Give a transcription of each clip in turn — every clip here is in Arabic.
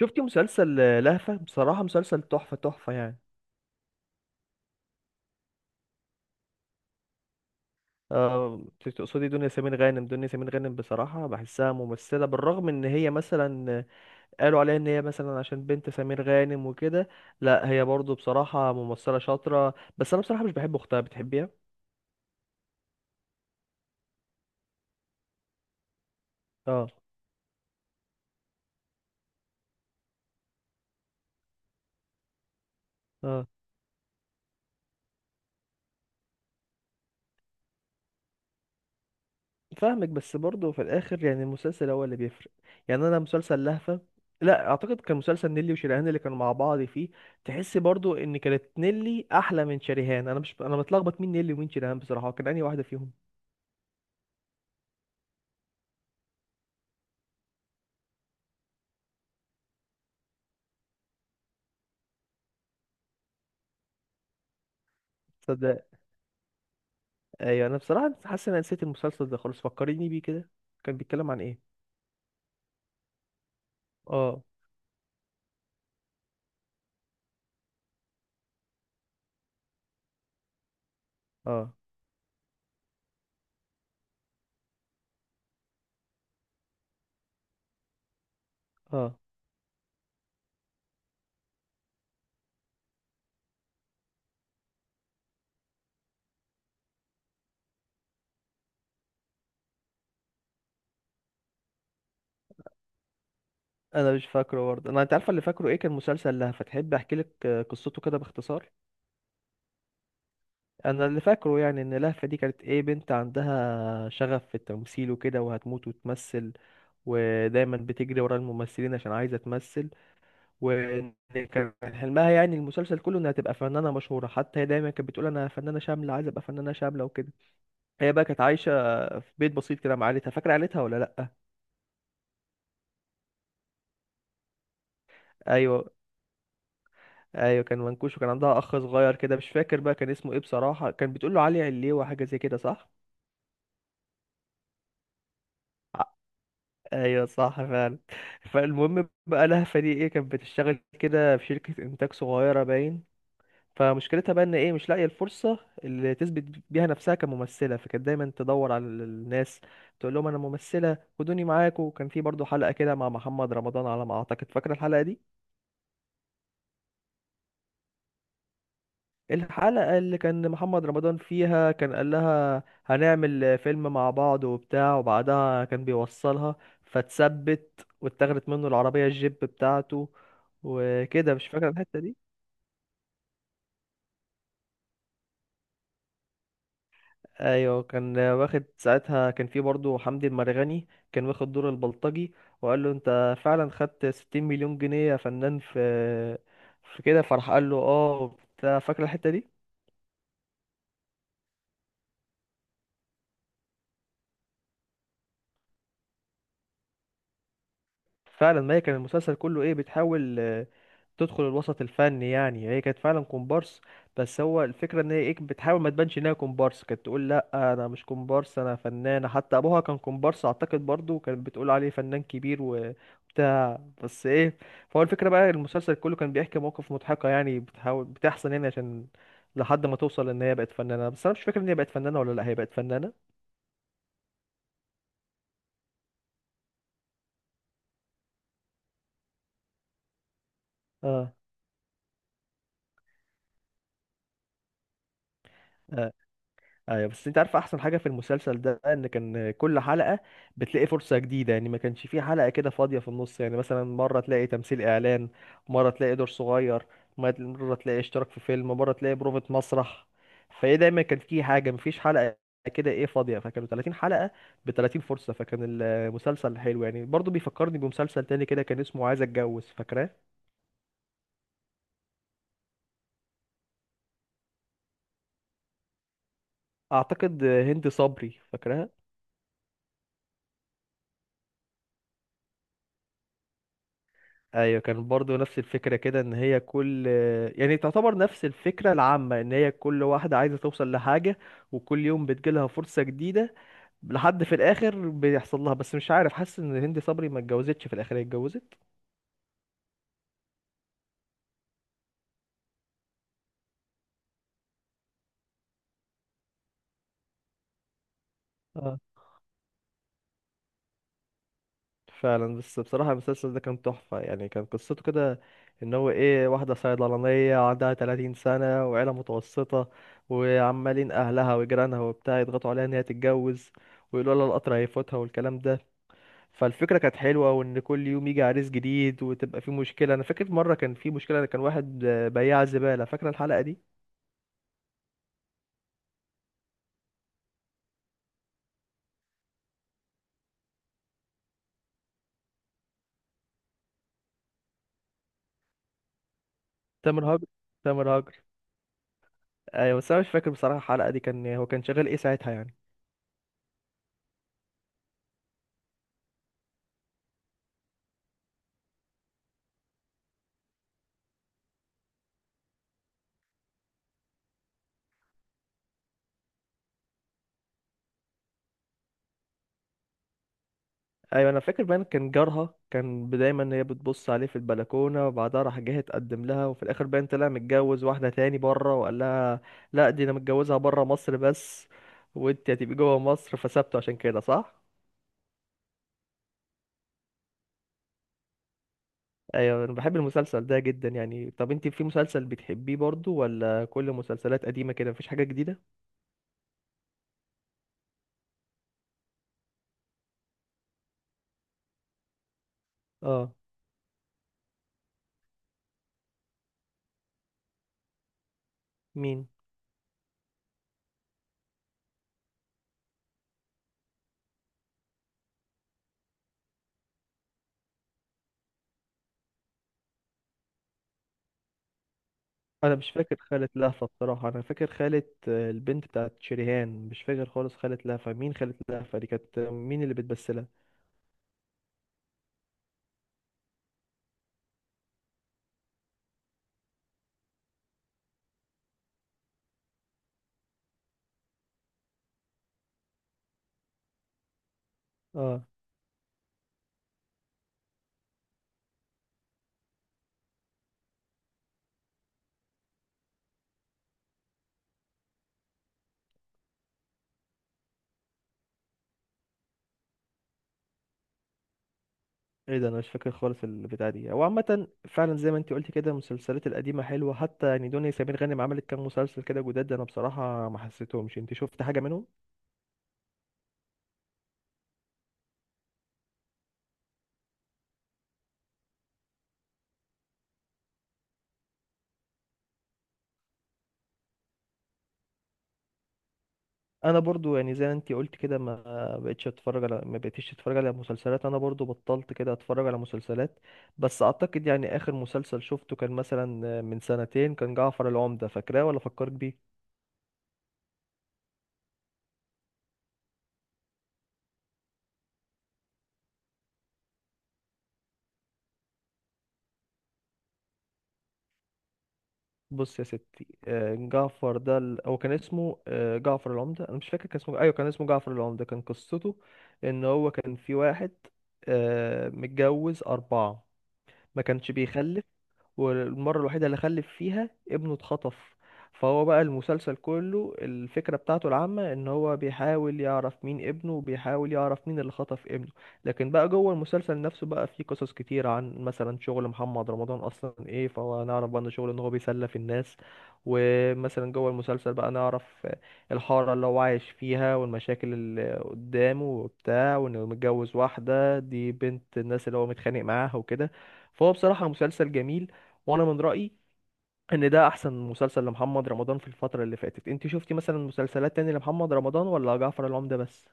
شفتي مسلسل لهفة. بصراحة مسلسل تحفة يعني. آه. تقصدي دنيا سمير غانم. بصراحة بحسها ممثلة، بالرغم ان هي مثلا قالوا عليها ان هي مثلا عشان بنت سمير غانم وكده. لا هي برضو بصراحة ممثلة شاطرة، بس انا بصراحة مش بحب اختها. بتحبيها؟ اه. اه. فاهمك، بس برضه في الاخر يعني المسلسل هو اللي بيفرق. يعني انا مسلسل لهفة، لا اعتقد كان مسلسل نيلي وشريهان اللي كانوا مع بعض فيه. تحس برضه ان كانت نيلي احلى من شريهان. انا مش انا متلخبط مين نيلي ومين شريهان، بصراحة كان انهي واحدة فيهم؟ تصدق؟ ايوه انا بصراحة حاسس ان انا نسيت المسلسل ده خالص، فكريني بيه كده. كان بيتكلم عن ايه؟ اه. اه. اه. انا مش فاكره برضه. انا انت عارفة اللي فاكره ايه؟ كان مسلسل لهفة. تحب احكي لك قصته كده باختصار؟ انا اللي فاكره يعني ان لهفة دي كانت ايه، بنت عندها شغف في التمثيل وكده، وهتموت وتمثل، ودايما بتجري ورا الممثلين عشان عايزة تمثل. وكان حلمها يعني المسلسل كله انها تبقى فنانة مشهورة، حتى هي دايما كانت بتقول انا فنانة شاملة، عايزة ابقى فنانة شاملة وكده. هي بقى كانت عايشة في بيت بسيط كده مع عيلتها. فاكرة عيلتها ولا لا؟ ايوه، ايوه كان منكوش، وكان عندها اخ صغير كده، مش فاكر بقى كان اسمه ايه بصراحة، كان بتقول له علي، عليه، وحاجة زي كده، صح؟ ايوه صح فعلا. فالمهم بقى لهفه دي ايه، كانت بتشتغل كده في شركه انتاج صغيره باين. فمشكلتها بقى ان ايه، مش لاقيه الفرصه اللي تثبت بيها نفسها كممثله. فكانت دايما تدور على الناس، تقول لهم انا ممثله خدوني معاكم. وكان في برضو حلقه كده مع محمد رمضان على ما اعتقد. فاكره الحلقه دي؟ الحلقة اللي كان محمد رمضان فيها، كان قال لها هنعمل فيلم مع بعض وبتاع، وبعدها كان بيوصلها فتثبت، واتاخدت منه العربية الجيب بتاعته وكده. مش فاكر الحتة دي؟ ايوه كان واخد ساعتها، كان في برضه حمدي المرغني كان واخد دور البلطجي، وقال له انت فعلا خدت 60 مليون جنيه يا فنان في كده، فراح قال له اه وبتاع. فاكر الحتة دي؟ فعلا، ما هي كان المسلسل كله ايه، بتحاول تدخل الوسط الفني. يعني هي كانت فعلا كومبارس، بس هو الفكرة ان هي ايه، بتحاول ما تبانش انها كومبارس، كانت تقول لا انا مش كومبارس انا فنانة، حتى ابوها كان كومبارس اعتقد، برضو كانت بتقول عليه فنان كبير وبتاع بس ايه. فهو الفكرة بقى المسلسل كله كان بيحكي مواقف مضحكة يعني بتحاول، بتحصل يعني، عشان لحد ما توصل ان هي بقت فنانة. بس انا مش فاكر ان هي بقت فنانة ولا لا، هي بقت فنانة. اه. آه. ايوه بس انت عارف احسن حاجه في المسلسل ده، ان كان كل حلقه بتلاقي فرصه جديده، يعني ما كانش فيه حلقه كده فاضيه في النص. يعني مثلا مره تلاقي تمثيل اعلان، مره تلاقي دور صغير، مره تلاقي اشتراك في فيلم، مره تلاقي بروفة مسرح. فايه دايما كان فيه حاجه، مفيش حلقه كده ايه فاضيه. فكانوا 30 حلقه ب 30 فرصه، فكان المسلسل حلو يعني. برضو بيفكرني بمسلسل تاني كده كان اسمه عايز اتجوز. فاكراه؟ اعتقد هند صبري. فاكراه؟ ايوه كان برضو نفس الفكره كده، ان هي كل، يعني تعتبر نفس الفكره العامه ان هي كل واحده عايزه توصل لحاجه، وكل يوم بتجيلها فرصه جديده، لحد في الاخر بيحصل لها. بس مش عارف، حاسس ان هند صبري ما اتجوزتش في الاخر. هي اتجوزت؟ اه. فعلا. بس بصراحه المسلسل ده كان تحفه يعني، كان قصته كده ان هو ايه، واحده صيدلانيه عندها 30 سنه، وعيله متوسطه، وعمالين اهلها وجيرانها وبتاع يضغطوا عليها ان هي تتجوز، ويقولوا لها القطر هيفوتها والكلام ده. فالفكرة كانت حلوة، وإن كل يوم يجي عريس جديد وتبقى في مشكلة. أنا فاكر مرة كان في مشكلة، كان واحد بياع زبالة. فاكرة الحلقة دي؟ تامر هاجر تامر هاجر. أيوة بس أنا مش فاكر بصراحة الحلقة دي، كان هو كان شغال إيه ساعتها يعني؟ أيوة أنا فاكر بقى إن كان جارها، كان دايما هي بتبص عليه في البلكونة، وبعدها راح جه اتقدم لها، وفي الآخر باين طلع متجوز واحدة تاني بره، وقال لها لأ دي أنا متجوزها بره مصر بس، وأنت هتبقي جوه مصر، فسابته عشان كده، صح؟ ايوه انا بحب المسلسل ده جدا يعني. طب انت في مسلسل بتحبيه برضو، ولا كل مسلسلات قديمة كده مفيش حاجة جديدة؟ اه. مين؟ انا مش فاكر خالة لهفة بصراحة. انا فاكر خالة البنت بتاعت شريهان. مش فاكر خالص خالة لهفة مين. خالة لهفة دي كانت مين اللي بتمثلها؟ اه. ايه ده، انا مش فاكر خالص البتاع دي. هو عامة فعلا زي ما انت قلت كده، المسلسلات القديمة حلوة. حتى يعني دنيا سمير غانم عملت كام مسلسل كده جداد، انا بصراحة ما حسيتهمش. انت شفت حاجة منهم؟ انا برضو يعني زي ما انتي قلت كده، ما بقتش اتفرج على مسلسلات. انا برضو بطلت كده اتفرج على مسلسلات. بس اعتقد يعني اخر مسلسل شفته كان مثلا من سنتين، كان جعفر العمدة. فاكراه ولا فكرك بيه؟ بص يا ستي، جعفر ده هو كان اسمه جعفر العمدة. انا مش فاكر كان اسمه، ايوه كان اسمه جعفر العمدة. كان قصته ان هو كان في واحد متجوز اربعة، ما كانش بيخلف، والمرة الوحيدة اللي خلف فيها ابنه اتخطف. فهو بقى المسلسل كله الفكرة بتاعته العامة ان هو بيحاول يعرف مين ابنه، وبيحاول يعرف مين اللي خطف ابنه. لكن بقى جوه المسلسل نفسه بقى فيه قصص كتير، عن مثلا شغل محمد رمضان اصلا ايه، فهو نعرف بقى ان شغله ان هو بيسلف الناس. ومثلا جوه المسلسل بقى نعرف الحارة اللي هو عايش فيها، والمشاكل اللي قدامه وبتاع، وانه متجوز واحدة دي بنت الناس اللي هو متخانق معاها وكده. فهو بصراحة مسلسل جميل، وانا من رأيي ان ده احسن مسلسل لمحمد رمضان في الفترة اللي فاتت. انت شفتي مثلا مسلسلات تاني لمحمد رمضان، ولا جعفر العمدة بس؟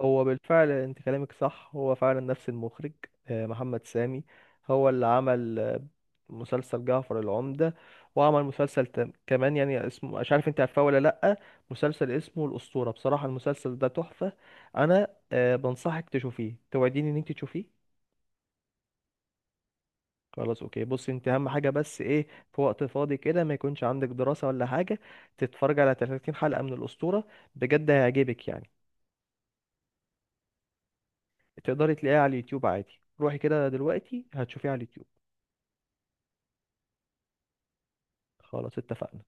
هو بالفعل انت كلامك صح، هو فعلا نفس المخرج، محمد سامي. هو اللي عمل مسلسل جعفر العمدة، وعمل مسلسل كمان يعني، اسمه مش عارف انت عارفاه ولا لأ، مسلسل اسمه الأسطورة. بصراحة المسلسل ده تحفة. انا بنصحك تشوفيه. توعديني ان انت تشوفيه؟ خلاص اوكي. بص انت اهم حاجه بس ايه، في وقت فاضي كده ما يكونش عندك دراسه ولا حاجه، تتفرج على 30 حلقه من الاسطوره، بجد هيعجبك يعني. تقدري تلاقيها على اليوتيوب عادي، روحي كده دلوقتي هتشوفيها على اليوتيوب. خلاص اتفقنا.